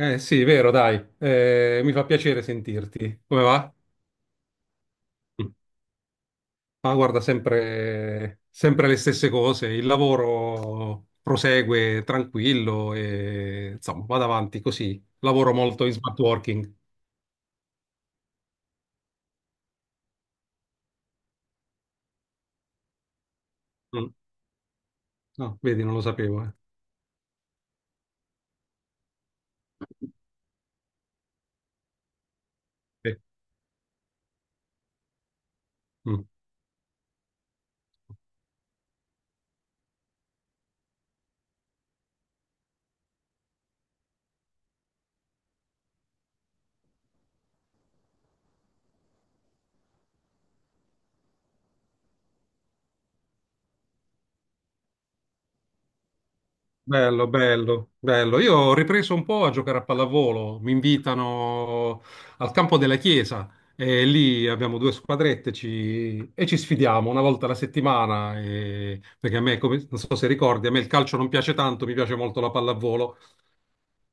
Eh sì, vero, dai. Mi fa piacere sentirti. Come va? Ma guarda, sempre, sempre le stesse cose. Il lavoro prosegue tranquillo e insomma, vado avanti così. Lavoro molto in smart working. Mm. No, vedi, non lo sapevo. Eh. Sì. Mm. Bello, bello, bello. Io ho ripreso un po' a giocare a pallavolo. Mi invitano al campo della chiesa e lì abbiamo due squadrette e ci sfidiamo una volta alla settimana. Perché a me, non so se ricordi, a me il calcio non piace tanto, mi piace molto la pallavolo.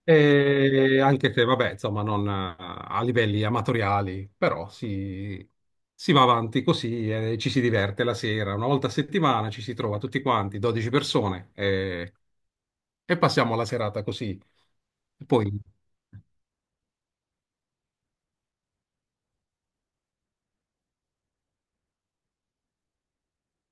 E anche se, vabbè, insomma, non a livelli amatoriali, però si va avanti così e ci si diverte la sera. Una volta a settimana ci si trova tutti quanti, 12 persone e passiamo la serata così. Poi,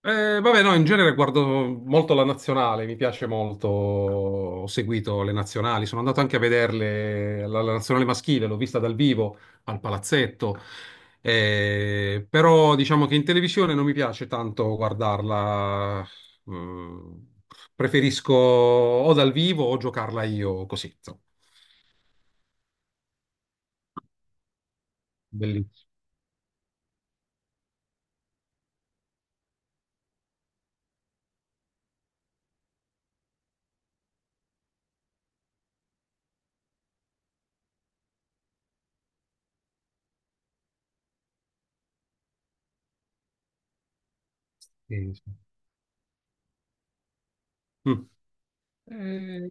vabbè, no, in genere guardo molto la nazionale, mi piace molto, ho seguito le nazionali, sono andato anche a vederle, la nazionale maschile, l'ho vista dal vivo al palazzetto, però diciamo che in televisione non mi piace tanto guardarla, mm, preferisco o dal vivo o giocarla io così, insomma. Bellissimo. Mm. Eh,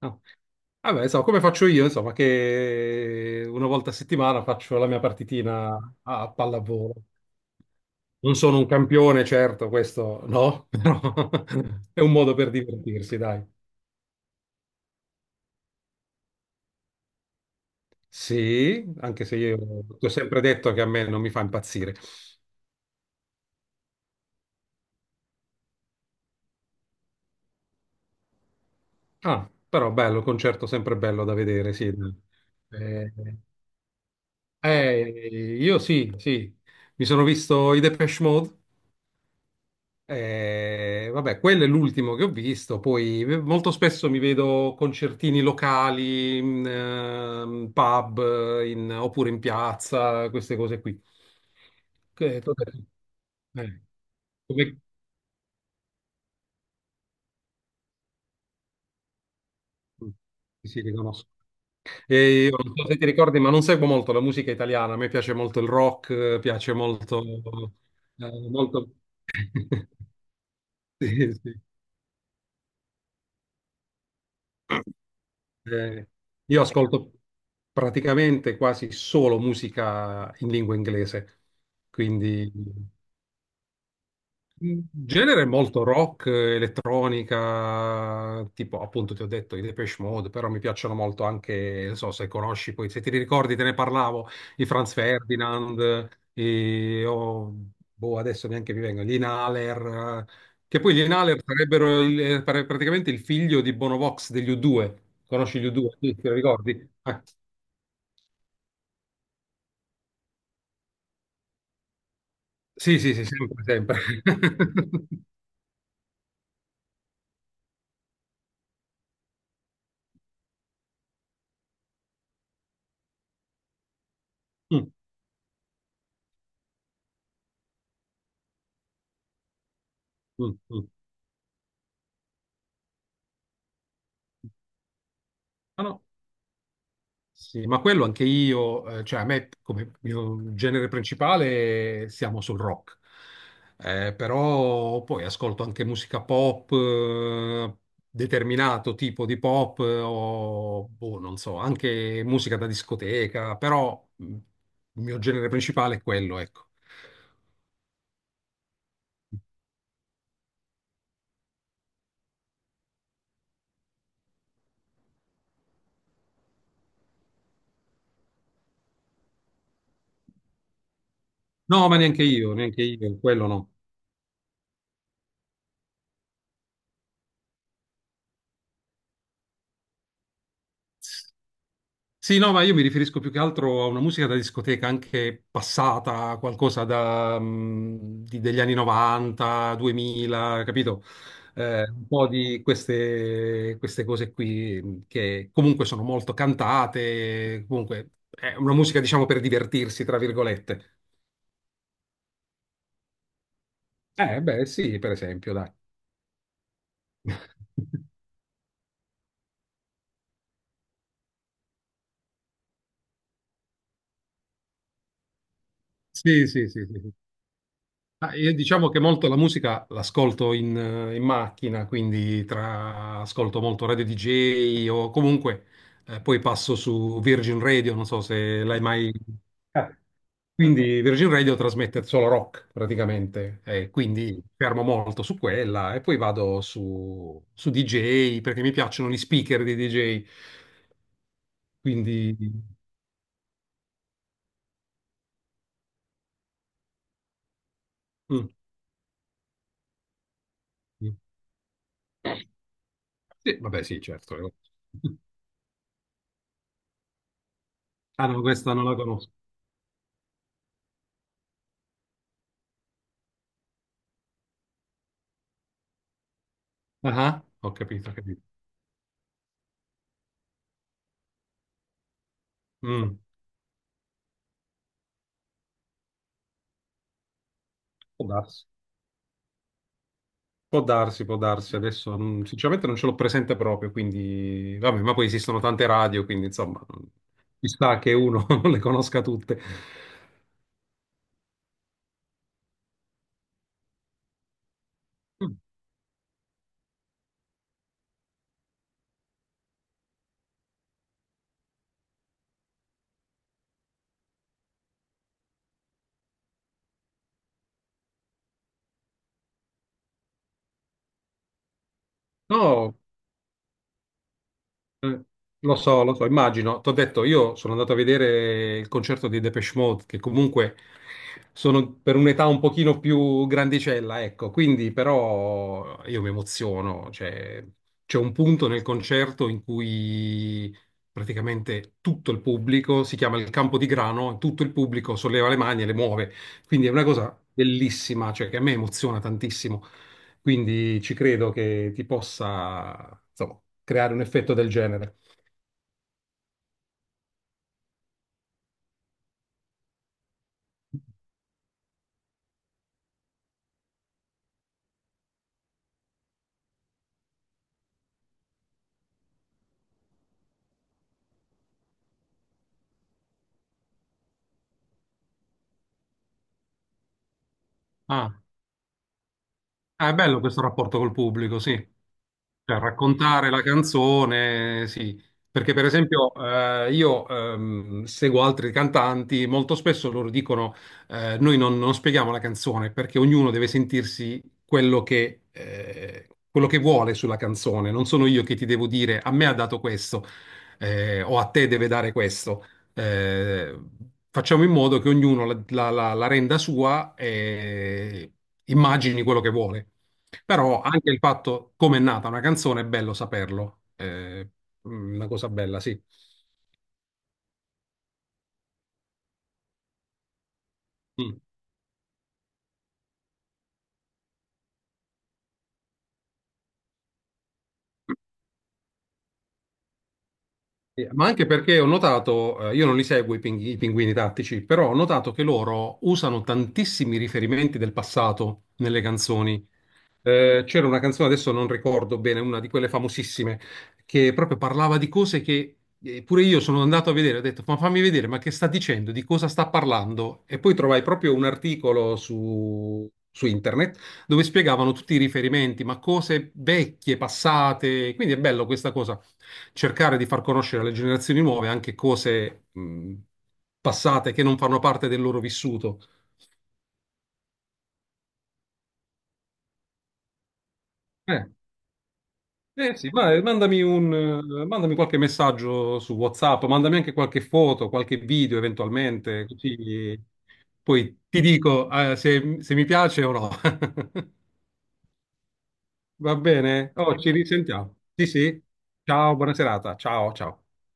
No. Vabbè, insomma, come faccio io, insomma, che una volta a settimana faccio la mia partitina a pallavolo. Non sono un campione, certo, questo no, però è un modo per divertirsi, dai. Sì, anche se io ti ho sempre detto che a me non mi fa impazzire. Ah, però bello, concerto sempre bello da vedere, sì. Dai. Eh, io sì, sì, mi sono visto i Depeche Mode. Vabbè, quello è l'ultimo che ho visto. Poi molto spesso mi vedo concertini locali, in pub, oppure in piazza, queste cose qui. Che- tu- eh, come- Sì, sì, riconosco. E io non so se ti ricordi, ma non seguo molto la musica italiana. A me piace molto il rock, piace molto, molto. Sì, sì. Eh, io ascolto praticamente quasi solo musica in lingua inglese, quindi. Genere molto rock, elettronica, tipo appunto ti ho detto i Depeche Mode, però mi piacciono molto anche, non so se conosci poi, se ti ricordi te ne parlavo, i Franz Ferdinand, oh, boh, adesso neanche mi vengono, gli Inhaler, che poi gli Inhaler sarebbero praticamente il figlio di Bono Vox degli U2, conosci gli U2? Sì, ti ricordi? Ah, sì, sì, sì, sempre, sempre. Mm, mm, mm. Ah, no. Sì, ma quello anche io, cioè a me come mio genere principale siamo sul rock. Però poi ascolto anche musica pop, determinato tipo di pop, o boh, non so, anche musica da discoteca, però il mio genere principale è quello, ecco. No, ma neanche io, quello no. Sì, no, ma io mi riferisco più che altro a una musica da discoteca, anche passata, qualcosa da, degli anni 90, 2000, capito? Un po' di queste cose qui, che comunque sono molto cantate, comunque è una musica, diciamo, per divertirsi, tra virgolette. Beh, sì, per esempio, dai. Sì, sì, sì, sì. Ah, io diciamo che molto la musica l'ascolto in macchina, quindi ascolto molto Radio DJ o comunque poi passo su Virgin Radio, non so se l'hai mai. Eh, Quindi Virgin Radio trasmette solo rock praticamente, e quindi fermo molto su quella e poi vado su DJ perché mi piacciono gli speaker di DJ, quindi. Mm, mm. Sì, vabbè sì, certo. Ah no, questa non la conosco. Ah, ah, ho capito, ho capito. Mm, può darsi, può darsi, può darsi. Adesso, sinceramente non ce l'ho presente proprio, quindi vabbè, ma poi esistono tante radio, quindi insomma, ci sta che uno non le conosca tutte. Mm. No. Eh, lo so, immagino. T'ho detto, io sono andato a vedere il concerto di Depeche Mode, che comunque sono per un'età un pochino più grandicella, ecco, quindi però io mi emoziono. Cioè, c'è un punto nel concerto in cui praticamente tutto il pubblico, si chiama il campo di grano, tutto il pubblico solleva le mani e le muove. Quindi è una cosa bellissima, cioè che a me emoziona tantissimo. Quindi ci credo che ti possa, insomma, creare un effetto del genere. Ah, Ah, è bello questo rapporto col pubblico, sì. Cioè, raccontare la canzone, sì. Perché, per esempio, io seguo altri cantanti, molto spesso loro dicono: Noi non spieghiamo la canzone perché ognuno deve sentirsi quello che vuole sulla canzone. Non sono io che ti devo dire a me ha dato questo, o a te deve dare questo eh, facciamo in modo che ognuno la renda sua e immagini quello che vuole. Però anche il fatto come è nata una canzone è bello saperlo, è una cosa bella, sì. Mm. Ma anche perché ho notato, io non li seguo i pinguini tattici, però ho notato che loro usano tantissimi riferimenti del passato nelle canzoni. C'era una canzone, adesso non ricordo bene, una di quelle famosissime, che proprio parlava di cose che pure io sono andato a vedere, ho detto, ma fammi vedere, ma che sta dicendo, di cosa sta parlando? E poi trovai proprio un articolo su internet dove spiegavano tutti i riferimenti, ma cose vecchie, passate. Quindi è bello questa cosa, cercare di far conoscere alle generazioni nuove anche cose, passate che non fanno parte del loro vissuto. Eh, Eh sì, mandami qualche messaggio su WhatsApp, mandami anche qualche foto, qualche video eventualmente, così poi ti dico, se mi piace o no. Va bene? Oh, ci risentiamo. Sì, sì. Ciao, buona serata. Ciao, ciao.